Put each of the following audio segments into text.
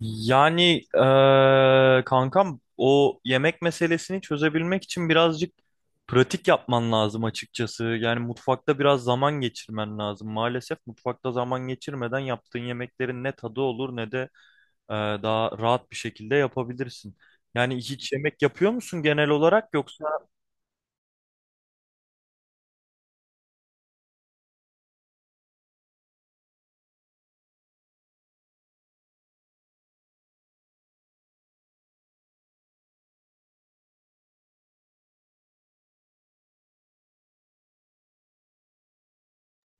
Yani kankam o yemek meselesini çözebilmek için birazcık pratik yapman lazım açıkçası. Yani mutfakta biraz zaman geçirmen lazım. Maalesef mutfakta zaman geçirmeden yaptığın yemeklerin ne tadı olur ne de eee, daha rahat bir şekilde yapabilirsin. Yani hiç yemek yapıyor musun genel olarak yoksa?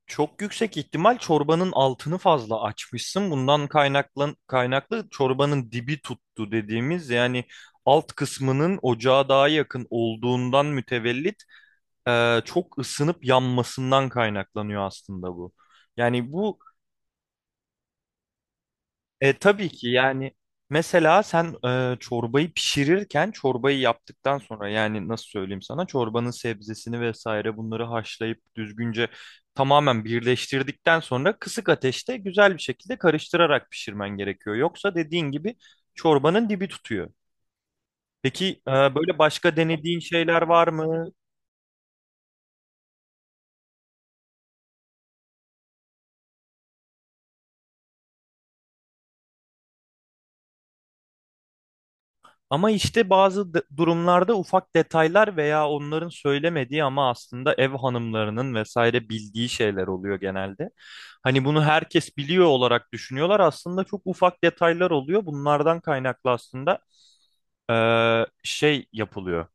Çok yüksek ihtimal çorbanın altını fazla açmışsın. Bundan kaynaklı çorbanın dibi tuttu dediğimiz yani alt kısmının ocağa daha yakın olduğundan mütevellit çok ısınıp yanmasından kaynaklanıyor aslında bu. Yani bu tabii ki yani mesela sen çorbayı pişirirken çorbayı yaptıktan sonra yani nasıl söyleyeyim sana çorbanın sebzesini vesaire bunları haşlayıp düzgünce tamamen birleştirdikten sonra kısık ateşte güzel bir şekilde karıştırarak pişirmen gerekiyor. Yoksa dediğin gibi çorbanın dibi tutuyor. Peki böyle başka denediğin şeyler var mı? Ama işte bazı durumlarda ufak detaylar veya onların söylemediği ama aslında ev hanımlarının vesaire bildiği şeyler oluyor genelde. Hani bunu herkes biliyor olarak düşünüyorlar. Aslında çok ufak detaylar oluyor. Bunlardan kaynaklı aslında şey yapılıyor.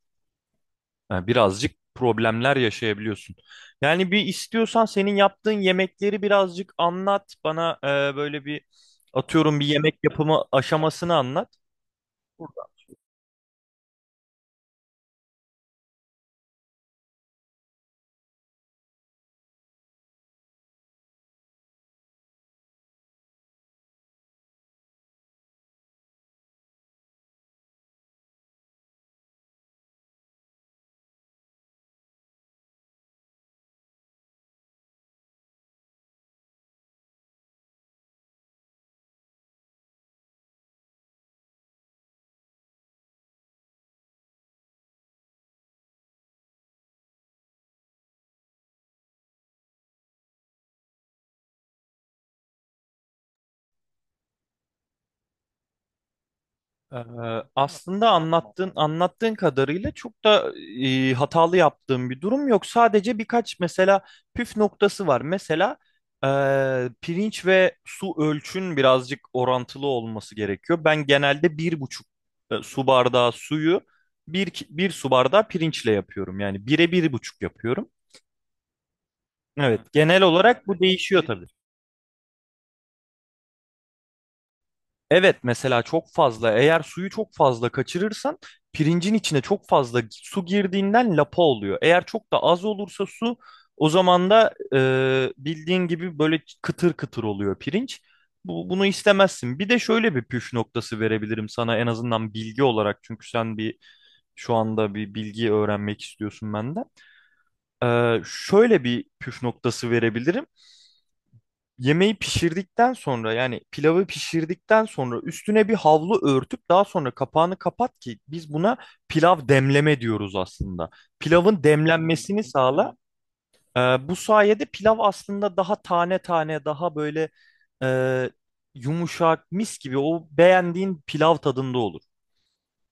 Yani birazcık problemler yaşayabiliyorsun. Yani bir istiyorsan senin yaptığın yemekleri birazcık anlat. Bana böyle bir atıyorum bir yemek yapımı aşamasını anlat. Ee, Aslında anlattığın kadarıyla çok da hatalı yaptığım bir durum yok. Sadece birkaç mesela püf noktası var. Mesela e, pirinç ve su ölçün birazcık orantılı olması gerekiyor. Ben genelde bir buçuk su bardağı suyu bir su bardağı pirinçle yapıyorum. Yani bire bir buçuk yapıyorum. Evet, genel olarak bu değişiyor tabii. Evet mesela çok fazla eğer suyu çok fazla kaçırırsan pirincin içine çok fazla su girdiğinden lapa oluyor. Eğer çok da az olursa su o zaman da bildiğin gibi böyle kıtır kıtır oluyor pirinç. Bunu istemezsin. Bir de şöyle bir püf noktası verebilirim sana en azından bilgi olarak çünkü sen bir şu anda bir bilgi öğrenmek istiyorsun benden. E, şöyle bir püf noktası verebilirim. Yemeği pişirdikten sonra yani pilavı pişirdikten sonra üstüne bir havlu örtüp daha sonra kapağını kapat ki biz buna pilav demleme diyoruz aslında. Pilavın demlenmesini sağla. Ee, Bu sayede pilav aslında daha tane tane daha böyle e, yumuşak mis gibi o beğendiğin pilav tadında olur.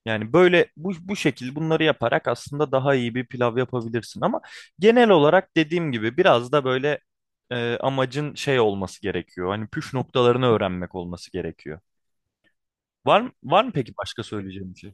Yani böyle bu şekil bunları yaparak aslında daha iyi bir pilav yapabilirsin ama genel olarak dediğim gibi biraz da böyle amacın şey olması gerekiyor. Hani püf noktalarını öğrenmek olması gerekiyor. Var mı peki başka söyleyeceğim bir şey?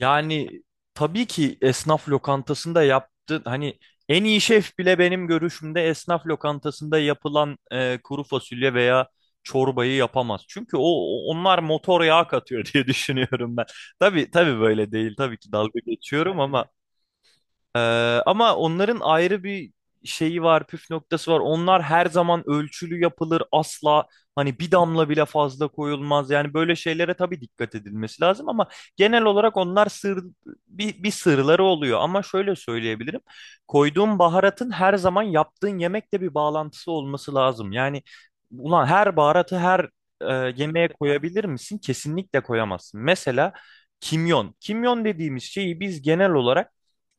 Yani tabii ki esnaf lokantasında yaptı hani en iyi şef bile benim görüşümde esnaf lokantasında yapılan kuru fasulye veya çorbayı yapamaz. Çünkü onlar motor yağı katıyor diye düşünüyorum ben. Tabii tabii böyle değil. Tabii ki dalga geçiyorum ama ee, ama onların ayrı bir şeyi var, püf noktası var. Onlar her zaman ölçülü yapılır, asla hani bir damla bile fazla koyulmaz. Yani böyle şeylere tabii dikkat edilmesi lazım ama genel olarak onlar sır bir sırları oluyor. Ama şöyle söyleyebilirim. Koyduğun baharatın her zaman yaptığın yemekle bir bağlantısı olması lazım. Yani ulan her baharatı her yemeğe koyabilir misin? Kesinlikle koyamazsın. Mesela kimyon. Kimyon dediğimiz şeyi biz genel olarak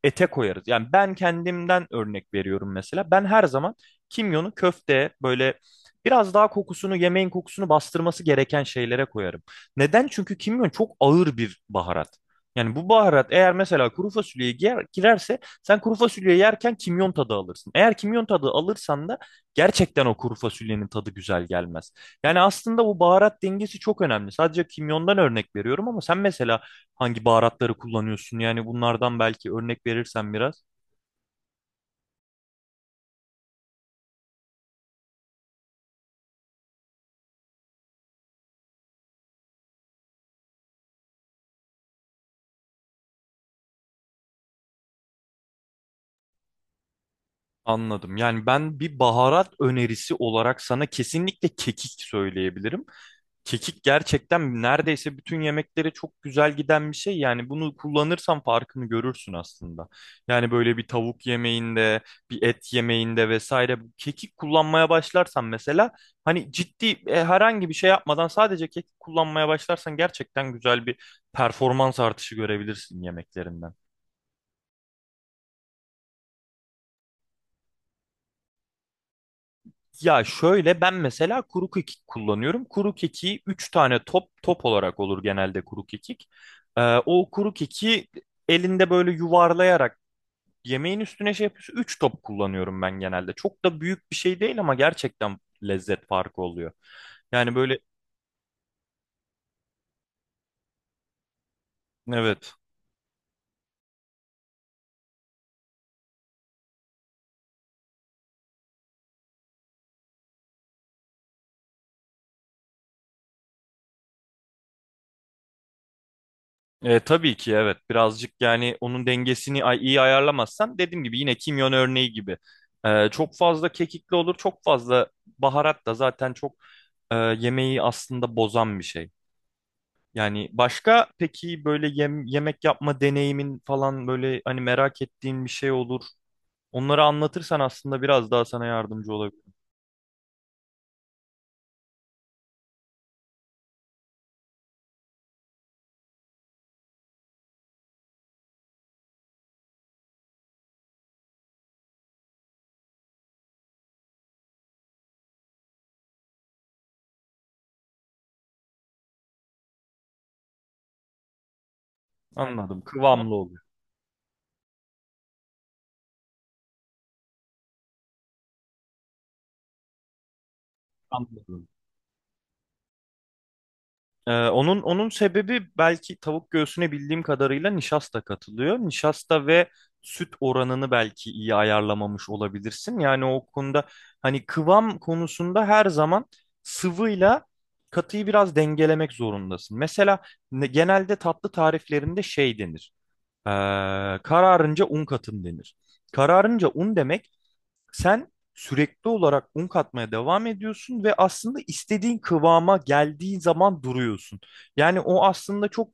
ete koyarız. Yani ben kendimden örnek veriyorum mesela. Ben her zaman kimyonu köfteye böyle biraz daha kokusunu, yemeğin kokusunu bastırması gereken şeylere koyarım. Neden? Çünkü kimyon çok ağır bir baharat. Yani bu baharat eğer mesela kuru fasulyeye girerse sen kuru fasulyeyi yerken kimyon tadı alırsın. Eğer kimyon tadı alırsan da gerçekten o kuru fasulyenin tadı güzel gelmez. Yani aslında bu baharat dengesi çok önemli. Sadece kimyondan örnek veriyorum ama sen mesela hangi baharatları kullanıyorsun? Yani bunlardan belki örnek verirsen biraz. Anladım. Yani ben bir baharat önerisi olarak sana kesinlikle kekik söyleyebilirim. Kekik gerçekten neredeyse bütün yemeklere çok güzel giden bir şey. Yani bunu kullanırsan farkını görürsün aslında. Yani böyle bir tavuk yemeğinde, bir et yemeğinde vesaire bu kekik kullanmaya başlarsan mesela hani ciddi herhangi bir şey yapmadan sadece kekik kullanmaya başlarsan gerçekten güzel bir performans artışı görebilirsin yemeklerinden. Ya şöyle ben mesela kuru kekik kullanıyorum. Kuru kekiği 3 tane top top olarak olur genelde kuru kekik. O kuru kekiği elinde böyle yuvarlayarak yemeğin üstüne şey yapıyorsun. Üç top kullanıyorum ben genelde. Çok da büyük bir şey değil ama gerçekten lezzet farkı oluyor. Yani böyle evet. E, tabii ki evet birazcık yani onun dengesini iyi ayarlamazsan dediğim gibi yine kimyon örneği gibi e, çok fazla kekikli olur çok fazla baharat da zaten çok yemeği aslında bozan bir şey. Yani başka peki böyle yemek yapma deneyimin falan böyle hani merak ettiğin bir şey olur. Onları anlatırsan aslında biraz daha sana yardımcı olabilir. Anladım, kıvamlı oluyor. Anladım. Onun sebebi belki tavuk göğsüne bildiğim kadarıyla nişasta katılıyor. Nişasta ve süt oranını belki iyi ayarlamamış olabilirsin. Yani o konuda hani kıvam konusunda her zaman sıvıyla katıyı biraz dengelemek zorundasın. Mesela genelde tatlı tariflerinde şey denir. Ee, Kararınca un katın denir. Kararınca un demek sen sürekli olarak un katmaya devam ediyorsun ve aslında istediğin kıvama geldiği zaman duruyorsun. Yani o aslında çok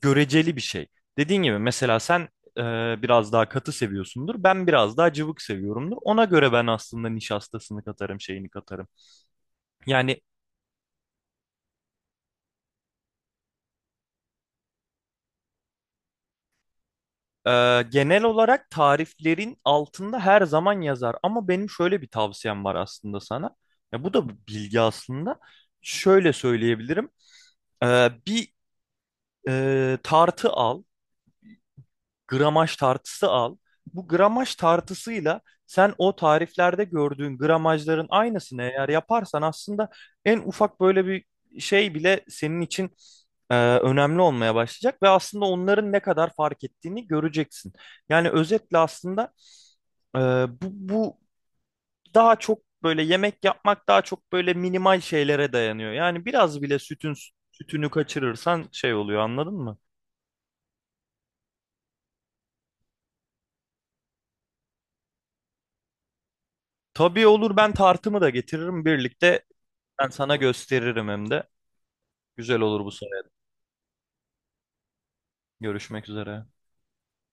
göreceli bir şey. Dediğin gibi mesela sen e, biraz daha katı seviyorsundur. Ben biraz daha cıvık seviyorumdur. Ona göre ben aslında nişastasını katarım, şeyini katarım. Yani e, genel olarak tariflerin altında her zaman yazar. Ama benim şöyle bir tavsiyem var aslında sana. Ya bu da bir bilgi aslında. Şöyle söyleyebilirim. Ee, bir tartı al, gramaj tartısı al. Bu gramaj tartısıyla sen o tariflerde gördüğün gramajların aynısını eğer yaparsan aslında en ufak böyle bir şey bile senin için önemli olmaya başlayacak ve aslında onların ne kadar fark ettiğini göreceksin. Yani özetle aslında e, bu daha çok böyle yemek yapmak daha çok böyle minimal şeylere dayanıyor. Yani biraz bile sütünü kaçırırsan şey oluyor anladın mı? Tabii olur, ben tartımı da getiririm birlikte. Ben sana gösteririm hem de. Güzel olur bu sene. Görüşmek üzere.